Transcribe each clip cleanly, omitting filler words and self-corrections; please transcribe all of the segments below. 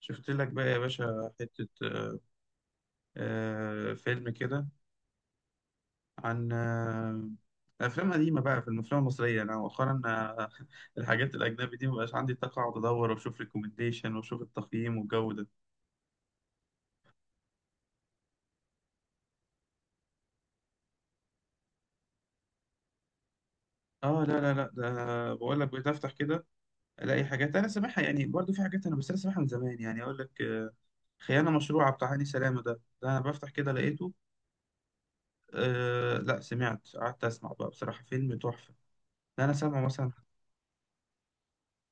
شفت لك بقى يا باشا حتة فيلم كده، عن أفلام قديمة بقى، في الأفلام المصرية أنا مؤخرا الحاجات الأجنبي دي مبقاش عندي طاقة أقعد أدور وأشوف ريكومنديشن وأشوف التقييم والجو ده. لا لا لا، ده بقول لك بتفتح كده ألاقي حاجات أنا سامعها، يعني برضه في حاجات، أنا بس أنا سامعها من زمان، يعني أقول لك خيانة مشروعة بتاع هاني سلامة. ده أنا بفتح كده لقيته. لا، سمعت قعدت أسمع بقى، بصراحة فيلم تحفة. ده أنا سامعه مثلا.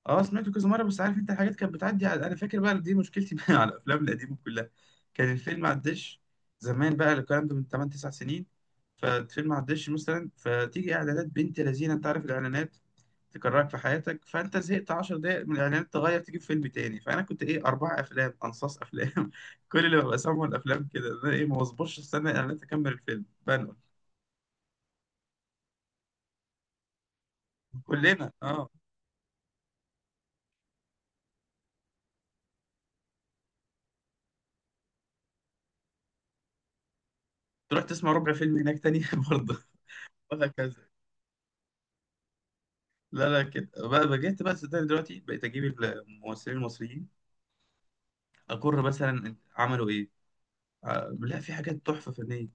اه، سمعته كذا مره، بس عارف انت، حاجات كانت بتعدي... على... انا فاكر بقى دي مشكلتي بقى على الافلام القديمه كلها. كان الفيلم ما عداش. زمان بقى الكلام ده من 8 9 سنين. فالفيلم ما عداش، مثلا فتيجي اعلانات بنت لذينه، انت عارف الاعلانات تكررك في حياتك، فانت زهقت 10 دقائق من الاعلانات تغير تجيب فيلم تاني. فانا كنت ايه، اربع افلام، انصاص افلام كل اللي ببقى سامعه الافلام كده، إن انا ايه، ما بصبرش استنى الاعلانات اكمل الفيلم، بنقل. كلنا اه. تروح تسمع ربع فيلم هناك تاني برضه، وهكذا. لا لا، كده بقى جيت بقى، صدقني دلوقتي بقيت اجيب الممثلين المصريين، اقر مثلا عملوا ايه. لا، في حاجات تحفه فنيه.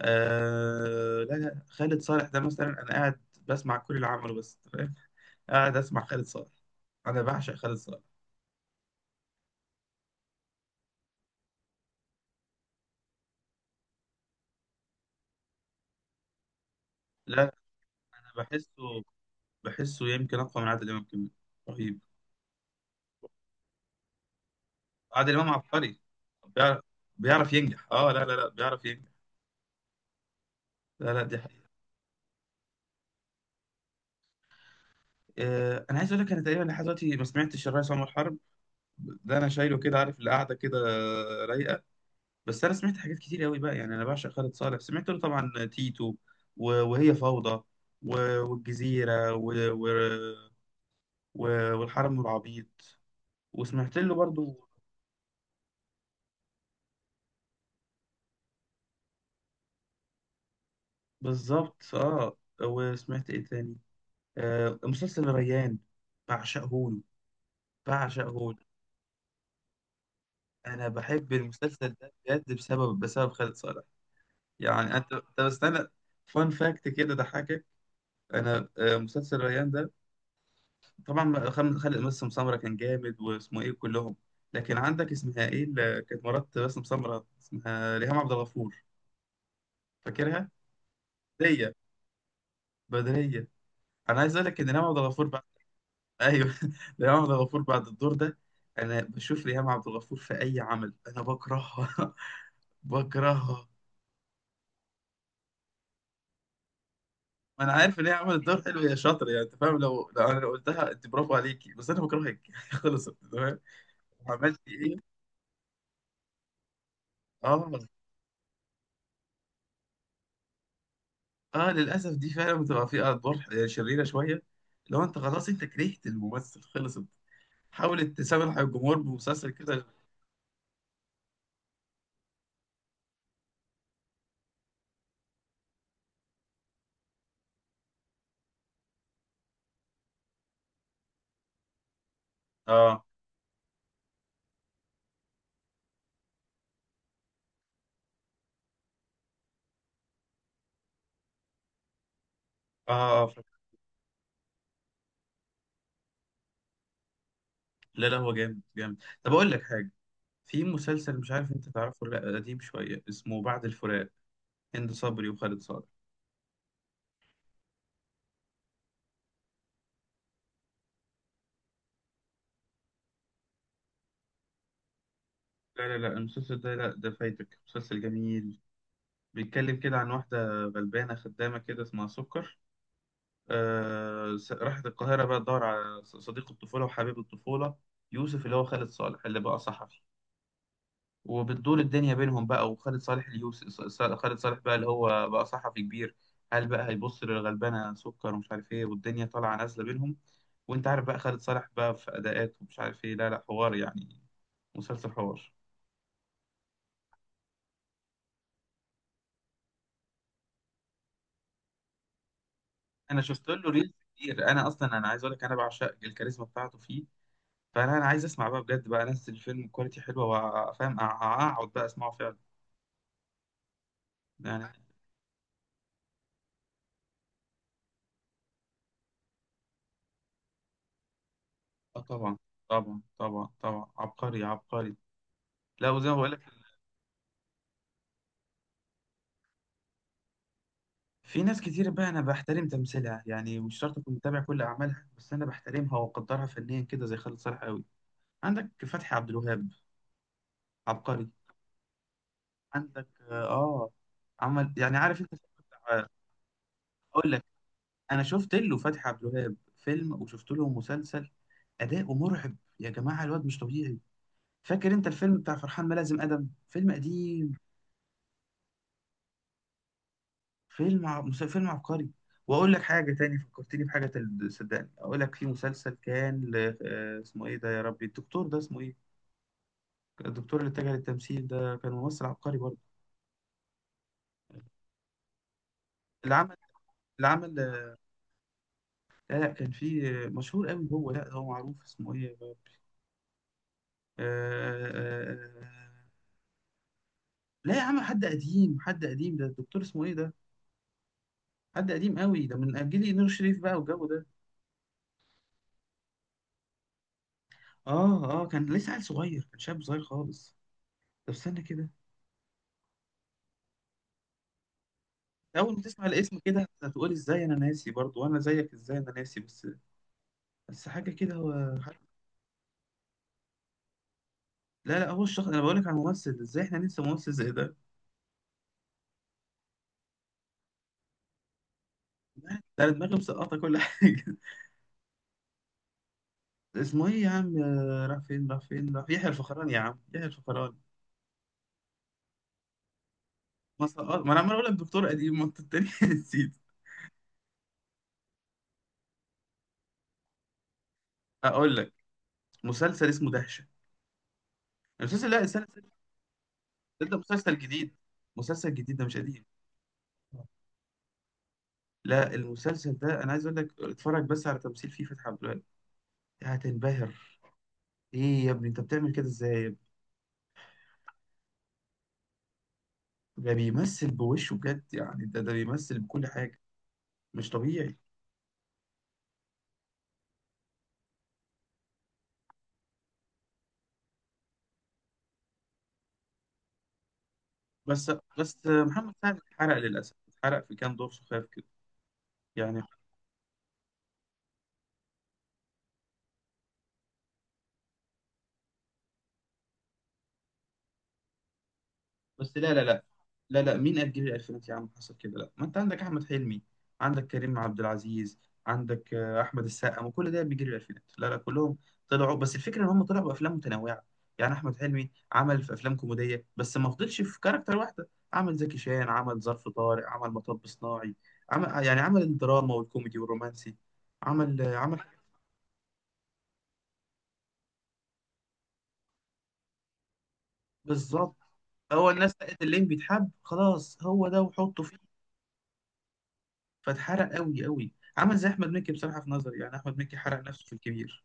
لا لا، خالد صالح ده مثلا، انا قاعد بسمع كل اللي عمله، بس فاهم؟ قاعد اسمع خالد صالح، انا بعشق خالد صالح. لا لا، انا بحسه، يمكن اقوى من عادل امام كمان، رهيب. عادل امام عبقري، بيعرف بيعرف ينجح. اه لا لا لا، بيعرف ينجح، لا لا، دي حقيقة. انا عايز اقول لك، انا تقريبا لحد دلوقتي ما سمعتش الريس عمر حرب. ده انا شايله كده، عارف، القعده كده رايقه. بس انا سمعت حاجات كتير قوي بقى، يعني انا بعشق خالد صالح، سمعت له طبعا تيتو، وهي فوضى، والجزيره، و... والحرم والعبيط، وسمعت له برضو. بالظبط، وسمعت ايه تاني؟ مسلسل ريان، بعشقه له، بعشقه له. انا بحب المسلسل ده بجد، بسبب خالد صالح، يعني انت. طب استنى، فان فاكت كده ضحكك، انا مسلسل ريان ده، طبعا خالد، باسم سمرة كان جامد، واسمه ايه، كلهم. لكن عندك، اسمها ايه اللي كانت مرات باسم سمرة؟ اسمها ريهام عبد الغفور، فاكرها؟ بدرية، بدرية. انا عايز اقول لك ان ريهام عبد الغفور بعد... ايوه ريهام عبد الغفور بعد الدور ده، انا بشوف ريهام عبد الغفور في اي عمل انا بكرهها، بكرهها. انا عارف ان هي عملت دور حلو يا شاطر، يعني انت فاهم، لو انا لو قلتها، انت برافو عليكي، بس انا بكرهك، خلصت، تمام. عملت ايه. اه اه، للاسف دي فعلا بتبقى فيها ادوار شريره شويه، لو انت خلاص انت كرهت الممثل خلصت، حاولت تسامح الجمهور بمسلسل كده. اه اه، لا لا، هو جامد جامد. طب اقول لك حاجه، في مسلسل، مش عارف انت تعرفه ولا لا، قديم شويه، اسمه بعد الفراق، هند صبري وخالد صالح. لا لا لا، المسلسل ده لا، ده فايتك، مسلسل جميل. بيتكلم كده عن واحده غلبانه خدامه كده اسمها سكر، راحت القاهرة بقى تدور على صديق الطفولة وحبيب الطفولة، يوسف، اللي هو خالد صالح، اللي بقى صحفي. وبتدور الدنيا بينهم بقى، وخالد صالح اليوسف خالد صالح بقى، اللي هو بقى صحفي كبير. هل بقى هيبص للغلبانة سكر ومش عارف ايه، والدنيا طالعة نازلة بينهم؟ وانت عارف بقى، خالد صالح بقى في أداءات ومش عارف ايه، لا لا، حوار يعني، مسلسل حوار. انا شفت له ريلز كتير، انا اصلا انا عايز اقول لك، انا بعشق الكاريزما بتاعته فيه. فانا عايز اسمع بقى بجد بقى ناس، الفيلم كواليتي حلوه، وافهم اقعد بقى اسمعه فعلا، يعني. اه طبعا، طبعا طبعا طبعا، عبقري عبقري. لا، وزي ما بقول لك، في ناس كتير بقى انا بحترم تمثيلها، يعني مش شرط اكون متابع كل اعمالها، بس انا بحترمها واقدرها فنيا كده، زي خالد صالح قوي. عندك فتحي عبد الوهاب، عبقري. عندك عمل، يعني عارف انت الفيلم اقول لك، انا شفت له فتحي عبد الوهاب فيلم، وشفت له مسلسل، اداؤه مرعب يا جماعه، الواد مش طبيعي. فاكر انت الفيلم بتاع فرحان ملازم ادم، فيلم قديم، فيلم فيلم عبقري. واقول لك حاجه تاني فكرتني بحاجه، صدقني اقول لك، في مسلسل كان ل... آه، اسمه ايه ده يا ربي؟ الدكتور ده اسمه ايه؟ الدكتور اللي اتجه للتمثيل ده، كان ممثل عبقري برضه. اللي عمل اللي عمل آه، لا لا، كان في مشهور قوي هو، لا، هو معروف، اسمه ايه يا ربي؟ آه... آه... آه، لا يا عم، حد قديم، حد قديم، ده الدكتور اسمه ايه ده؟ حد قديم قوي، ده من جيل نور الشريف بقى والجو ده. اه اه، كان لسه عيل صغير، كان شاب صغير خالص. طب استنى كده. اول ما تسمع الاسم كده هتقول، ازاي انا ناسي؟ برضو وانا زيك، ازاي انا ناسي بس؟ بس حاجه كده، هو حاجة. لا لا، هو الشخص، انا بقول لك على ممثل، ازاي احنا ننسى ممثل زي ده؟ لا، ده أنا دماغي مسقطه كل حاجه. اسمه ايه يا عم؟ راح فين، راح فين؟ راح يحيى الفخراني، يا عم، يحيى الفخراني! ما سقط، ما انا عمال اقول لك دكتور قديم، ما انت التاني نسيت. اقول لك، مسلسل اسمه دهشه، المسلسل، لا استنى استنى، ده مسلسل جديد، مسلسل جديد ده، مش قديم. لا المسلسل ده، انا عايز اقول لك، اتفرج بس على تمثيل فيه فتحي عبد الوهاب، هتنبهر. ايه يا ابني، انت بتعمل كده ازاي يا ابني؟ ده بيمثل بوشه بجد يعني، ده بيمثل بكل حاجه، مش طبيعي. بس بس محمد سعد اتحرق للاسف، اتحرق في كام دور سخاف كده، يعني. بس لا لا لا، لا لا، مين قد جيل الألفينات يا عم حصل كده؟ لا، ما أنت عندك أحمد حلمي، عندك كريم عبد العزيز، عندك أحمد السقا، ما كل ده بيجري الألفينات، لا لا، كلهم طلعوا. بس الفكرة إن هم طلعوا بأفلام متنوعة، يعني أحمد حلمي عمل في أفلام كوميدية بس ما فضلش في كاركتر واحدة، عمل زكي شان، عمل ظرف طارق، عمل مطب صناعي، عمل يعني، عمل الدراما والكوميدي والرومانسي، عمل. بالظبط، هو الناس لقت اللين بيتحب، خلاص هو ده، وحطه فيه، فاتحرق قوي قوي. عمل زي احمد مكي بصراحه، في نظري يعني احمد مكي حرق نفسه في الكبير.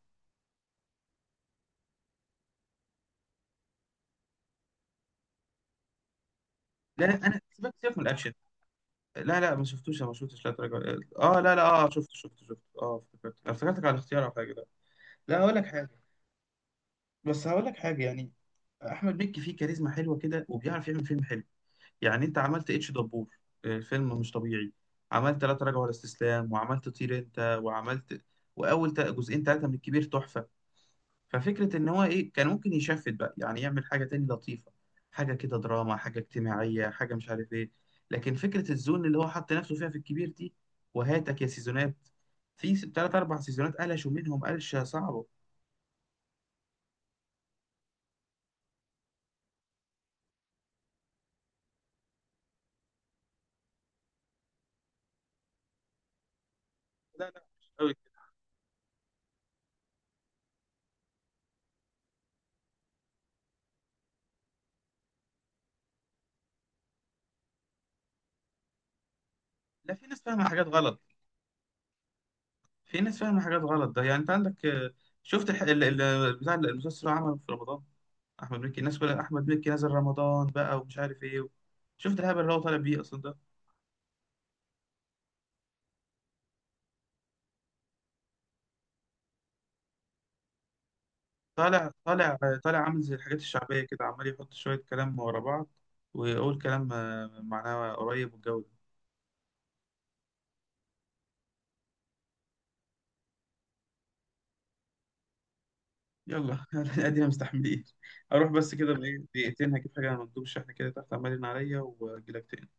لا لا، انا سيبك سيبك من الاكشن، لا لا، ما شفتوش، أنا ما شفتش لا تراجع. اه لا لا، اه شفت، اه افتكرتك على الاختيار او حاجه، لا. لا هقول لك حاجه، بس هقول لك حاجه يعني، احمد مكي فيه كاريزما حلوه كده، وبيعرف يعمل فيلم حلو. يعني انت عملت اتش دبور، الفيلم مش طبيعي. عملت لا تراجع ولا استسلام، وعملت طير انت، وعملت... واول جزئين ثلاثه من الكبير تحفه. ففكرة إن هو إيه، كان ممكن يشفت بقى يعني، يعمل حاجة تاني لطيفة، حاجة كده دراما، حاجة اجتماعية، حاجة مش عارف إيه، لكن فكرة الزون اللي هو حط نفسه فيها في الكبير دي، وهاتك يا سيزونات، في تلات أربع سيزونات قلشوا منهم قلشة صعبة. لا لا، مش قوي كده. لا، في ناس فاهمة حاجات غلط، في ناس فاهمة حاجات غلط ده، يعني أنت عندك شفت بتاع المسلسل اللي عمله في رمضان، أحمد مكي، الناس كلها، أحمد مكي نزل رمضان بقى ومش عارف إيه. شفت الهبل اللي هو طالع بيه أصلا ده؟ طالع، طالع، طالع عامل زي الحاجات الشعبية كده، عمال يحط شوية كلام ورا بعض، ويقول كلام معناه قريب والجو ده. يلا ادينا مستحملين. اروح بس كده بإيه، دقيقتين، هجيب حاجة من مندوب الشحن كده تحت، عمال يرن عليا، واجيلك تاني.